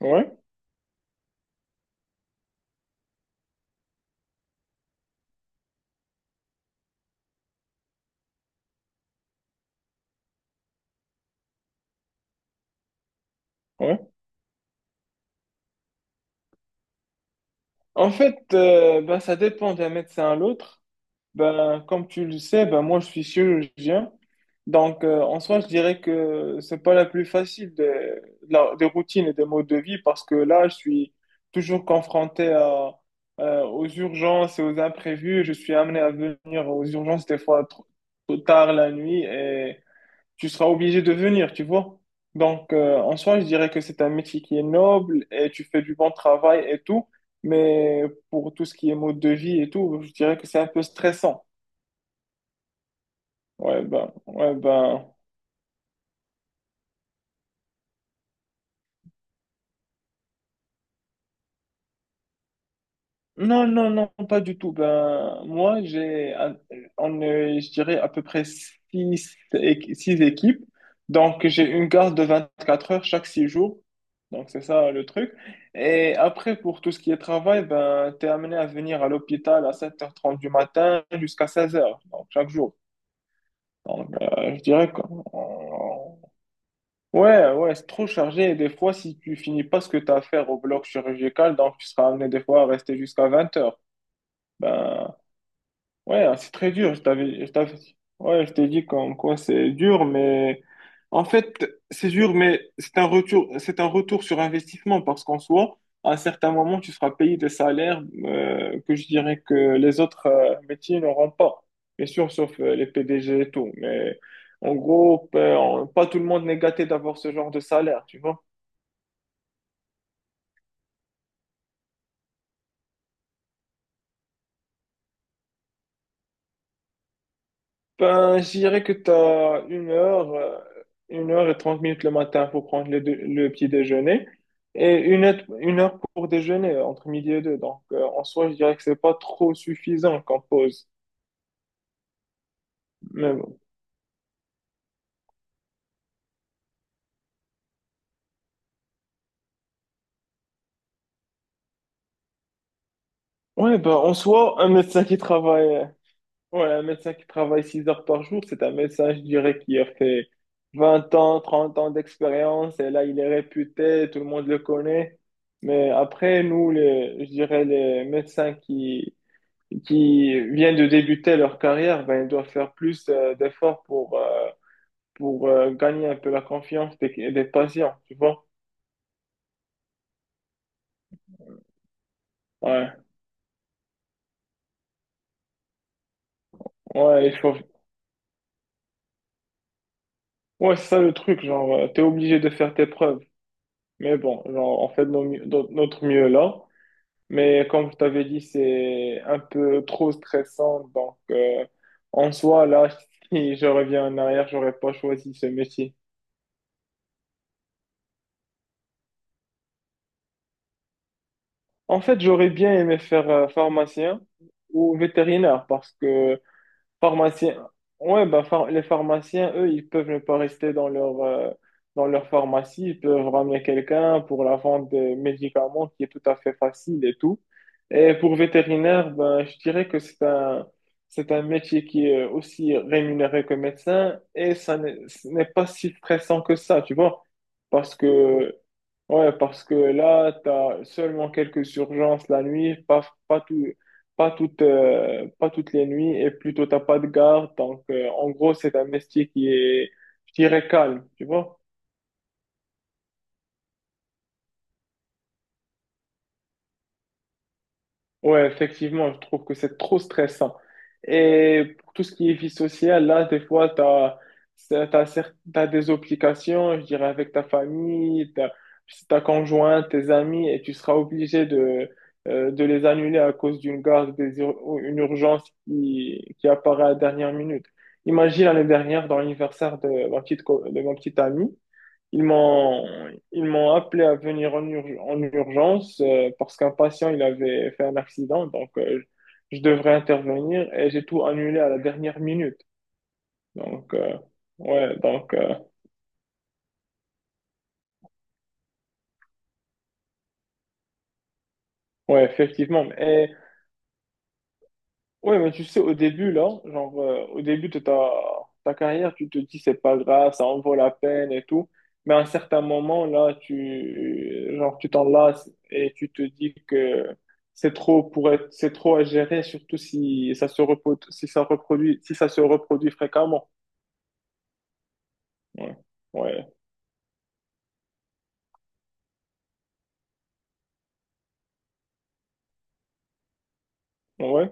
Ouais, ouais. En fait, ben, ça dépend d'un médecin à l'autre. Ben, comme tu le sais, ben, moi, je suis chirurgien. Donc, en soi, je dirais que c'est pas la plus facile des routines et des modes de vie parce que là, je suis toujours confronté aux urgences et aux imprévus. Je suis amené à venir aux urgences des fois trop tard la nuit, et tu seras obligé de venir, tu vois. Donc, en soi, je dirais que c'est un métier qui est noble et tu fais du bon travail et tout, mais pour tout ce qui est mode de vie et tout, je dirais que c'est un peu stressant. Ouais, ben, non, non, non, pas du tout. Ben, moi, on est, je dirais, à peu près six équipes. Donc, j'ai une garde de 24 heures chaque 6 jours. Donc, c'est ça le truc. Et après, pour tout ce qui est travail, ben, t'es amené à venir à l'hôpital à 7h30 du matin jusqu'à 16h, donc chaque jour. Donc, je dirais que. Ouais, ouais, c'est trop chargé. Et des fois, si tu finis pas ce que tu as à faire au bloc chirurgical, donc tu seras amené des fois à rester jusqu'à 20h. Ben, ouais, hein, c'est très dur. Ouais, je t'ai dit comme quoi c'est dur, mais en fait, c'est dur, mais c'est un retour sur investissement parce qu'en soi, à un certain moment, tu seras payé des salaires que je dirais que les autres métiers n'auront pas. Bien sûr, sauf les PDG et tout. Mais en gros, pas tout le monde n'est gâté d'avoir ce genre de salaire, tu vois. Ben, je dirais que tu as une heure et 30 minutes le matin pour prendre le petit déjeuner et une heure pour déjeuner entre midi et deux. Donc, en soi, je dirais que c'est pas trop suffisant comme pause. Mais bon. Ouais, ben, en soi, un médecin qui travaille, ouais, un médecin qui travaille 6 heures par jour, c'est un médecin, je dirais, qui a fait 20 ans, 30 ans d'expérience et là, il est réputé, tout le monde le connaît. Mais après, nous, les, je dirais, les médecins qui viennent de débuter leur carrière, ben, ils doivent faire plus d'efforts pour gagner un peu la confiance des patients, tu vois. Ouais, ouais, il faut. Ouais, c'est ça le truc, genre, t'es obligé de faire tes preuves. Mais bon, genre, on fait de notre mieux là. Mais comme je t'avais dit, c'est un peu trop stressant. Donc, en soi, là, si je reviens en arrière, j'aurais pas choisi ce métier. En fait, j'aurais bien aimé faire pharmacien ou vétérinaire parce que. Pharmaciens, ouais, bah, les pharmaciens, eux, ils peuvent ne pas rester dans leur pharmacie, ils peuvent ramener quelqu'un pour la vente des médicaments qui est tout à fait facile et tout. Et pour vétérinaire, ben, je dirais que c'est un métier qui est aussi rémunéré que médecin et ça n'est ce n'est pas si stressant que ça, tu vois. Parce que Ouais, parce que là, tu as seulement quelques urgences la nuit, pas, tout, pas toutes les nuits, et plutôt t'as pas de garde. Donc, en gros, c'est un métier qui est, je dirais, calme, tu vois. Ouais, effectivement, je trouve que c'est trop stressant. Et pour tout ce qui est vie sociale, là, des fois, tu as des obligations, je dirais, avec ta famille, ta conjointe, tes amis, et tu seras obligé de les annuler à cause d'une garde, ou une urgence qui apparaît à la dernière minute. Imagine l'année dernière, dans l'anniversaire de de ma petite amie, ils m'ont, ils m'ont appelé à venir en urgence, parce qu'un patient il avait fait un accident, donc, je devrais intervenir et j'ai tout annulé à la dernière minute. Donc, ouais, donc, ouais, effectivement. Et. Ouais, mais tu sais, au début, là, genre, au début de ta carrière, tu te dis, c'est pas grave, ça en vaut la peine et tout. Mais à un certain moment, là, tu, genre, tu t'en lasses et tu te dis que c'est trop à gérer, surtout si ça se reproduit fréquemment. Ouais. Ouais. Ouais.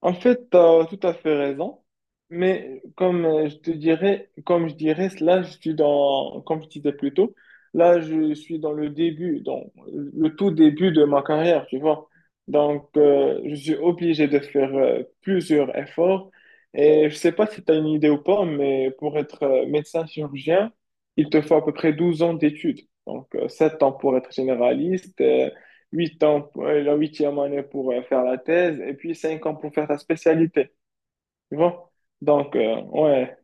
En fait, tu as tout à fait raison, mais comme comme je dirais, là, comme je disais plus tôt, là, je suis dans le tout début de ma carrière, tu vois. Donc, je suis obligé de faire plusieurs efforts. Et je sais pas si tu as une idée ou pas, mais pour être médecin chirurgien, il te faut à peu près 12 ans d'études. Donc, 7 ans pour être généraliste, 8 ans, la huitième année pour faire la thèse, et puis 5 ans pour faire ta spécialité. Tu vois? Donc, ouais,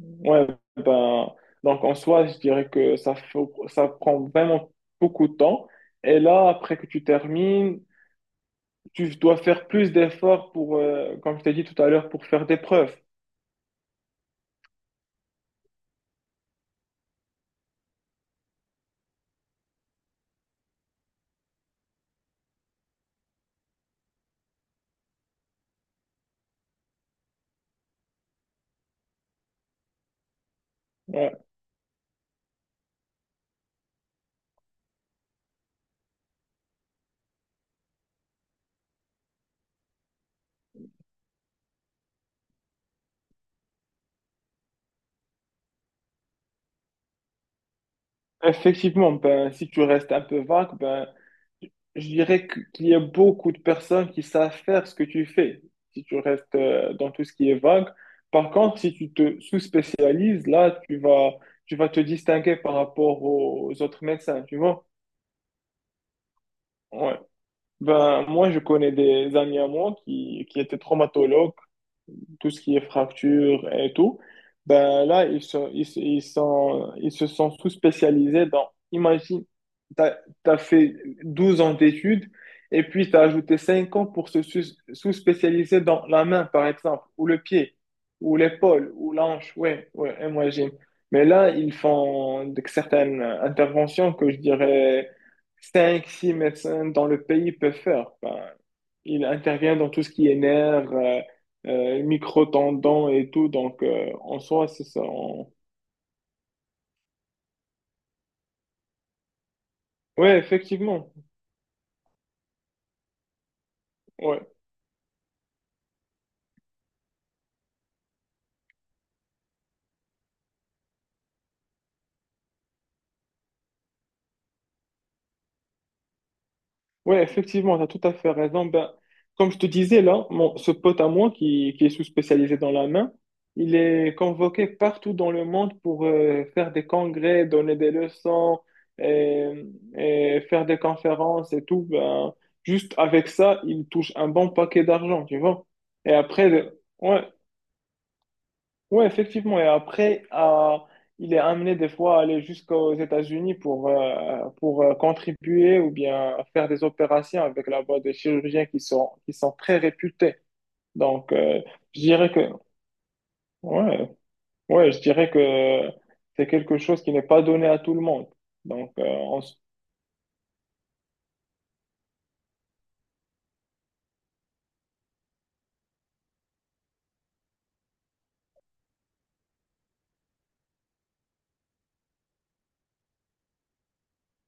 ouais, ben, donc en soi, je dirais que ça prend vraiment beaucoup de temps. Et là, après que tu termines, tu dois faire plus d'efforts comme je t'ai dit tout à l'heure, pour faire des preuves. Ouais. Effectivement, ben, si tu restes un peu vague, ben, je dirais qu'il y a beaucoup de personnes qui savent faire ce que tu fais, si tu restes dans tout ce qui est vague. Par contre, si tu te sous-spécialises, là, tu vas te distinguer par rapport aux autres médecins, tu vois? Ouais. Ben, moi, je connais des amis à moi qui étaient traumatologues, tout ce qui est fracture et tout, ben là, ils se sont sous-spécialisés imagine, t'as, t'as fait 12 ans d'études et puis t'as ajouté 5 ans pour se sous-spécialiser dans la main, par exemple, ou le pied, ou l'épaule, ou l'anche, ouais, ouais, imagine. Mais là, ils font certaines interventions que je dirais cinq six médecins dans le pays peuvent faire. Ben, il intervient dans tout ce qui est nerfs, micro-tendons et tout. Donc, en soi, c'est ça. Ouais, effectivement. Ouais, ouais, effectivement, tu as tout à fait raison. Ben, comme je te disais, là, ce pote à moi qui est sous-spécialisé dans la main, il est convoqué partout dans le monde pour faire des congrès, donner des leçons et, et faire des conférences et tout. Ben, juste avec ça, il touche un bon paquet d'argent, tu vois. Et après, ouais. Oui, effectivement. Et après, il est amené des fois à aller jusqu'aux États-Unis pour contribuer ou bien faire des opérations avec là-bas des chirurgiens qui sont très réputés. Donc, je dirais que, ouais, ouais, je dirais que c'est quelque chose qui n'est pas donné à tout le monde. Donc,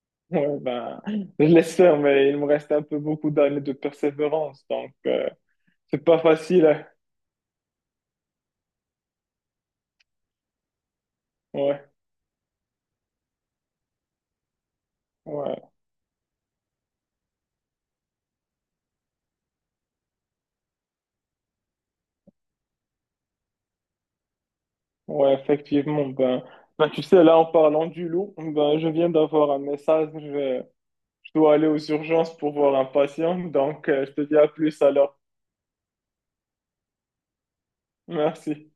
ouais, ben, je l'espère, mais il me reste un peu beaucoup d'années de persévérance. Donc, c'est pas facile, hein. Ouais, ouais. Ouais, effectivement. Ben, ben, tu sais, là, en parlant du loup, ben, je viens d'avoir un message. Je dois aller aux urgences pour voir un patient. Donc, je te dis à plus alors. Merci.